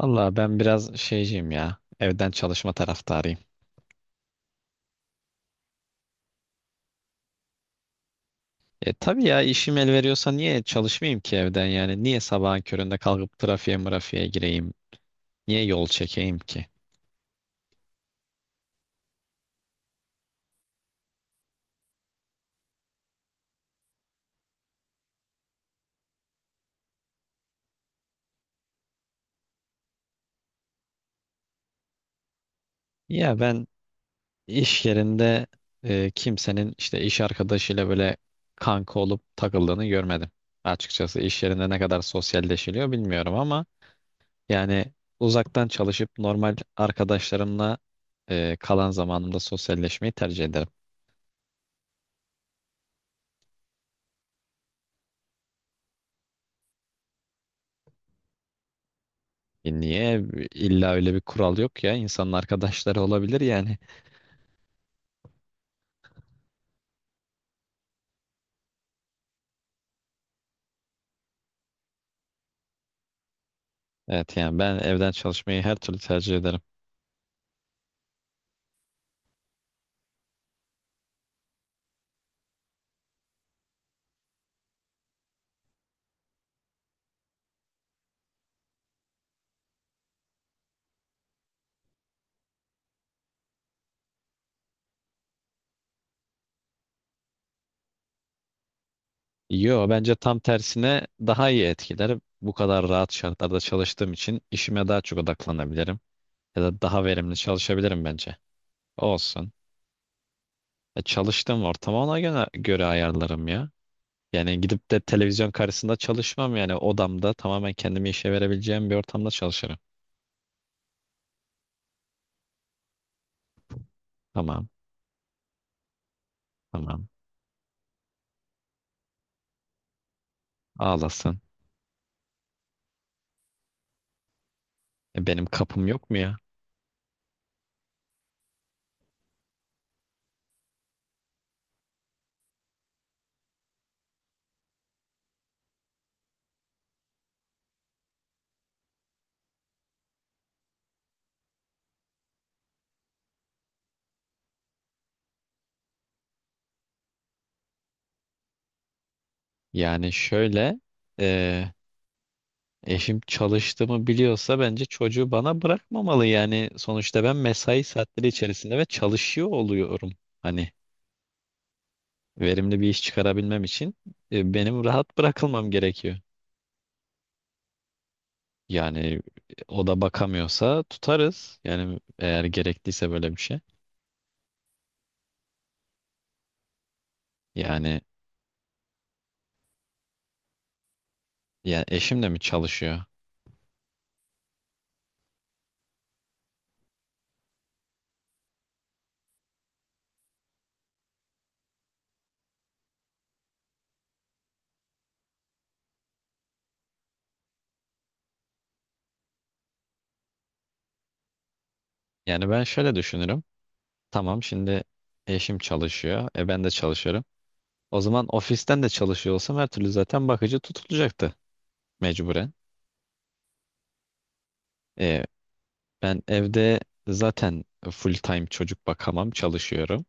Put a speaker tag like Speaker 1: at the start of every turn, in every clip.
Speaker 1: Valla ben biraz şeyciyim ya. Evden çalışma taraftarıyım. E tabii ya işim el veriyorsa niye çalışmayayım ki evden yani? Niye sabahın köründe kalkıp trafiğe mırafiğe gireyim? Niye yol çekeyim ki? Ya ben iş yerinde kimsenin işte iş arkadaşıyla böyle kanka olup takıldığını görmedim. Açıkçası iş yerinde ne kadar sosyalleşiliyor bilmiyorum ama yani uzaktan çalışıp normal arkadaşlarımla kalan zamanımda sosyalleşmeyi tercih ederim. E niye? İlla öyle bir kural yok ya. İnsanın arkadaşları olabilir yani. Evet yani ben evden çalışmayı her türlü tercih ederim. Yo, bence tam tersine daha iyi etkiler. Bu kadar rahat şartlarda çalıştığım için işime daha çok odaklanabilirim. Ya da daha verimli çalışabilirim bence. Olsun. Çalıştığım ortamı ona göre ayarlarım ya. Yani gidip de televizyon karşısında çalışmam, yani odamda tamamen kendimi işe verebileceğim bir ortamda çalışırım. Tamam, tamam. Ağlasın. E, benim kapım yok mu ya? Yani şöyle eee, eşim çalıştığımı biliyorsa bence çocuğu bana bırakmamalı. Yani sonuçta ben mesai saatleri içerisinde ve çalışıyor oluyorum. Hani verimli bir iş çıkarabilmem için benim rahat bırakılmam gerekiyor. Yani o da bakamıyorsa tutarız. Yani eğer gerekliyse böyle bir şey. Yani ya eşim de mi çalışıyor? Yani ben şöyle düşünürüm. Tamam, şimdi eşim çalışıyor. E ben de çalışıyorum. O zaman ofisten de çalışıyor olsam her türlü zaten bakıcı tutulacaktı mecburen. E, ben evde zaten full time çocuk bakamam, çalışıyorum.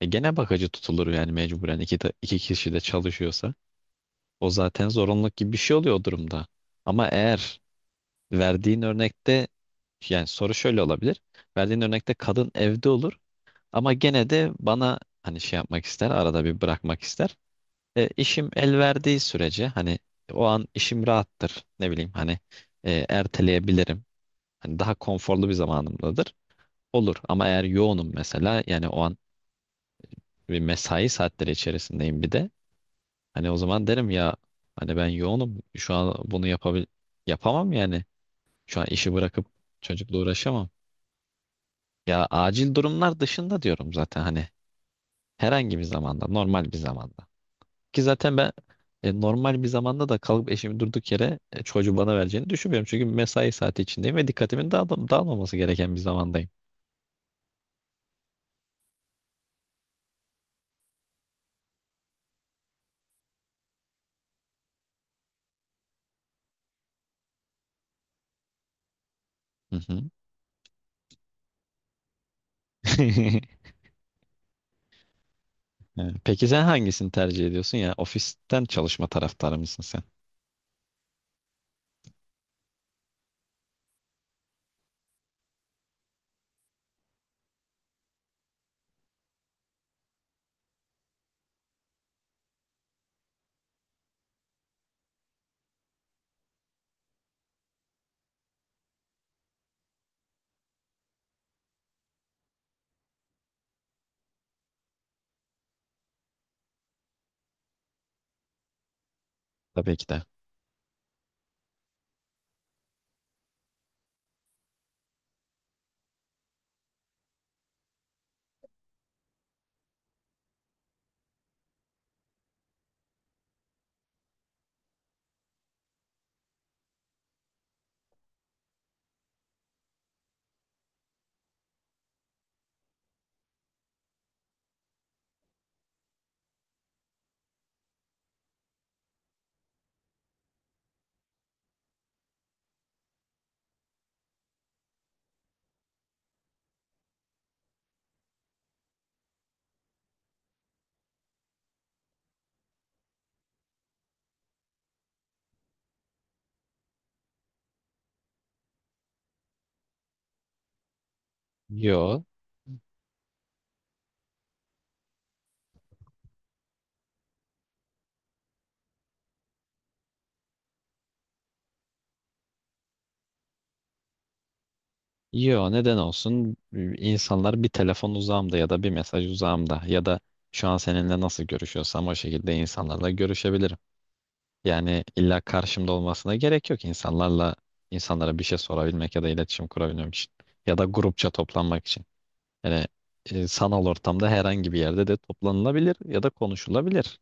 Speaker 1: E, gene bakıcı tutulur yani mecburen iki kişi de çalışıyorsa. O zaten zorunluluk gibi bir şey oluyor o durumda. Ama eğer verdiğin örnekte yani soru şöyle olabilir. Verdiğin örnekte kadın evde olur ama gene de bana hani şey yapmak ister, arada bir bırakmak ister. E, işim el verdiği sürece hani o an işim rahattır. Ne bileyim hani erteleyebilirim. Hani daha konforlu bir zamanımdadır. Olur ama eğer yoğunum mesela, yani o an bir mesai saatleri içerisindeyim bir de. Hani o zaman derim ya, hani ben yoğunum. Şu an bunu yapamam yani. Şu an işi bırakıp çocukla uğraşamam. Ya acil durumlar dışında diyorum zaten hani, herhangi bir zamanda, normal bir zamanda. Ki zaten ben normal bir zamanda da kalıp eşimi durduk yere çocuğu bana vereceğini düşünmüyorum. Çünkü mesai saati içindeyim ve dikkatimin dağılmaması gereken bir zamandayım. Hı hı. Evet. Peki sen hangisini tercih ediyorsun ya? Ofisten çalışma taraftarı mısın sen? Tabii ki de. Yo. Yo, neden olsun? İnsanlar bir telefon uzağımda ya da bir mesaj uzağımda ya da şu an seninle nasıl görüşüyorsam o şekilde insanlarla görüşebilirim. Yani illa karşımda olmasına gerek yok, insanlara bir şey sorabilmek ya da iletişim kurabilmek için, ya da grupça toplanmak için. Yani sanal ortamda herhangi bir yerde de toplanılabilir ya da konuşulabilir.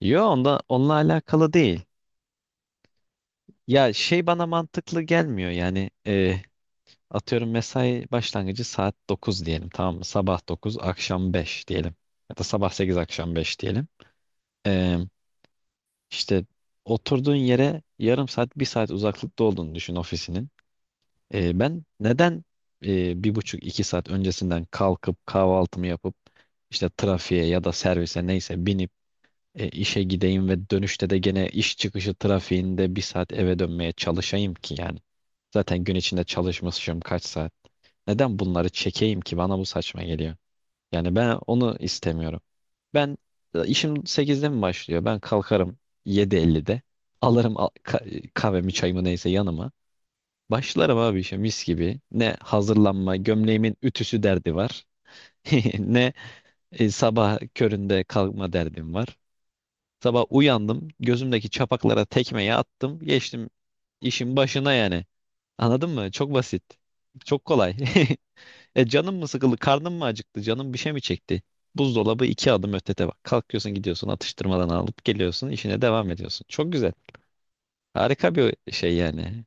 Speaker 1: Yo, onunla alakalı değil. Ya şey, bana mantıklı gelmiyor yani. Atıyorum, mesai başlangıcı saat 9 diyelim, tamam mı? Sabah 9 akşam 5 diyelim, ya da sabah sekiz akşam 5 diyelim. E, işte oturduğun yere yarım saat bir saat uzaklıkta olduğunu düşün ofisinin. E, ben neden bir buçuk iki saat öncesinden kalkıp kahvaltımı yapıp işte trafiğe ya da servise neyse binip işe gideyim, ve dönüşte de gene iş çıkışı trafiğinde bir saat eve dönmeye çalışayım ki yani. Zaten gün içinde çalışmışım kaç saat. Neden bunları çekeyim ki, bana bu saçma geliyor. Yani ben onu istemiyorum. Ben, işim sekizde mi başlıyor? Ben kalkarım 7:50'de. Alırım kahvemi çayımı neyse yanıma. Başlarım abi işe mis gibi. Ne hazırlanma, gömleğimin ütüsü derdi var. Ne sabah köründe kalkma derdim var. Sabah uyandım, gözümdeki çapaklara tekmeyi attım, geçtim işin başına yani. Anladın mı? Çok basit. Çok kolay. E, canım mı sıkıldı, karnım mı acıktı, canım bir şey mi çekti? Buzdolabı iki adım ötede bak. Kalkıyorsun, gidiyorsun, atıştırmadan alıp geliyorsun, işine devam ediyorsun. Çok güzel. Harika bir şey yani.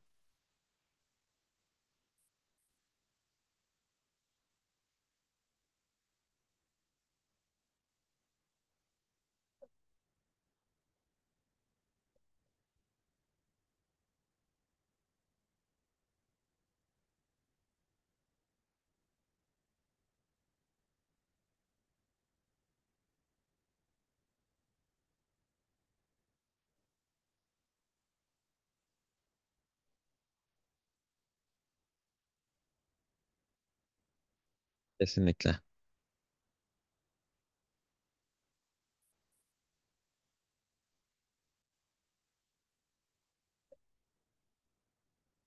Speaker 1: Kesinlikle.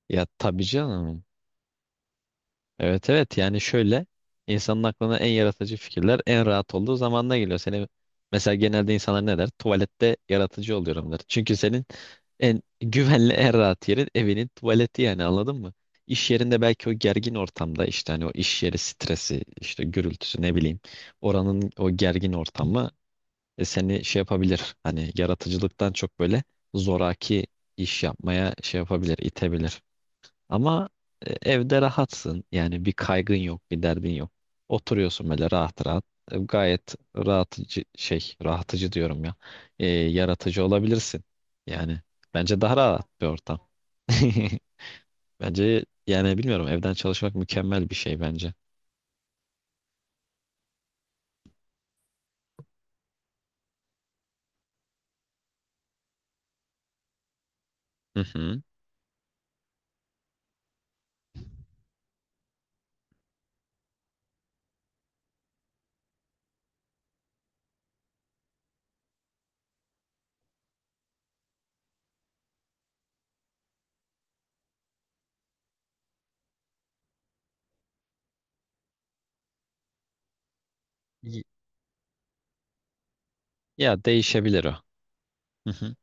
Speaker 1: Ya tabii canım. Evet, yani şöyle, insanın aklına en yaratıcı fikirler en rahat olduğu zamanla geliyor. Seni, mesela genelde insanlar ne der? Tuvalette yaratıcı oluyorum der. Çünkü senin en güvenli en rahat yerin evinin tuvaleti, yani anladın mı? İş yerinde belki o gergin ortamda, işte hani o iş yeri stresi, işte gürültüsü, ne bileyim, oranın o gergin ortamı seni şey yapabilir, hani yaratıcılıktan çok böyle zoraki iş yapmaya şey yapabilir, itebilir. Ama evde rahatsın. Yani bir kaygın yok, bir derdin yok. Oturuyorsun böyle rahat rahat. E, gayet rahatıcı şey, rahatıcı diyorum ya. E, yaratıcı olabilirsin. Yani bence daha rahat bir ortam. Bence yani bilmiyorum, evden çalışmak mükemmel bir şey bence. Hı hı. Y- Ya değişebilir o. Hı hı.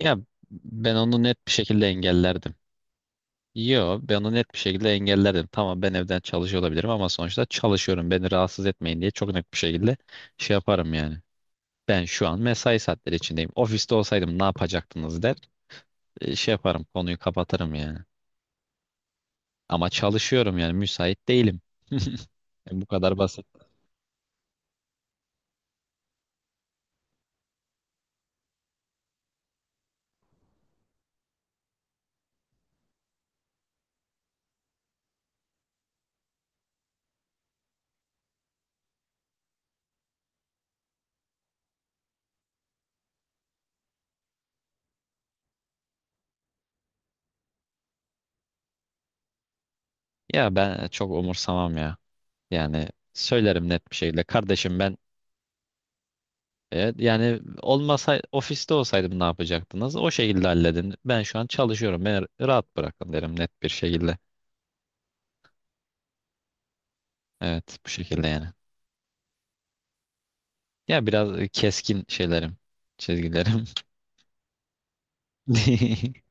Speaker 1: Ya ben onu net bir şekilde engellerdim. Yo, ben onu net bir şekilde engellerdim. Tamam, ben evden çalışıyor olabilirim ama sonuçta çalışıyorum. Beni rahatsız etmeyin diye çok net bir şekilde şey yaparım yani. Ben şu an mesai saatleri içindeyim. Ofiste olsaydım ne yapacaktınız, der. E, şey yaparım, konuyu kapatırım yani. Ama çalışıyorum yani, müsait değilim. Bu kadar basit. Ya ben çok umursamam ya. Yani söylerim net bir şekilde. Kardeşim ben evet, yani olmasa ofiste olsaydım ne yapacaktınız? O şekilde halledin. Ben şu an çalışıyorum. Beni rahat bırakın, derim net bir şekilde. Evet, bu şekilde yani. Ya biraz keskin şeylerim, çizgilerim.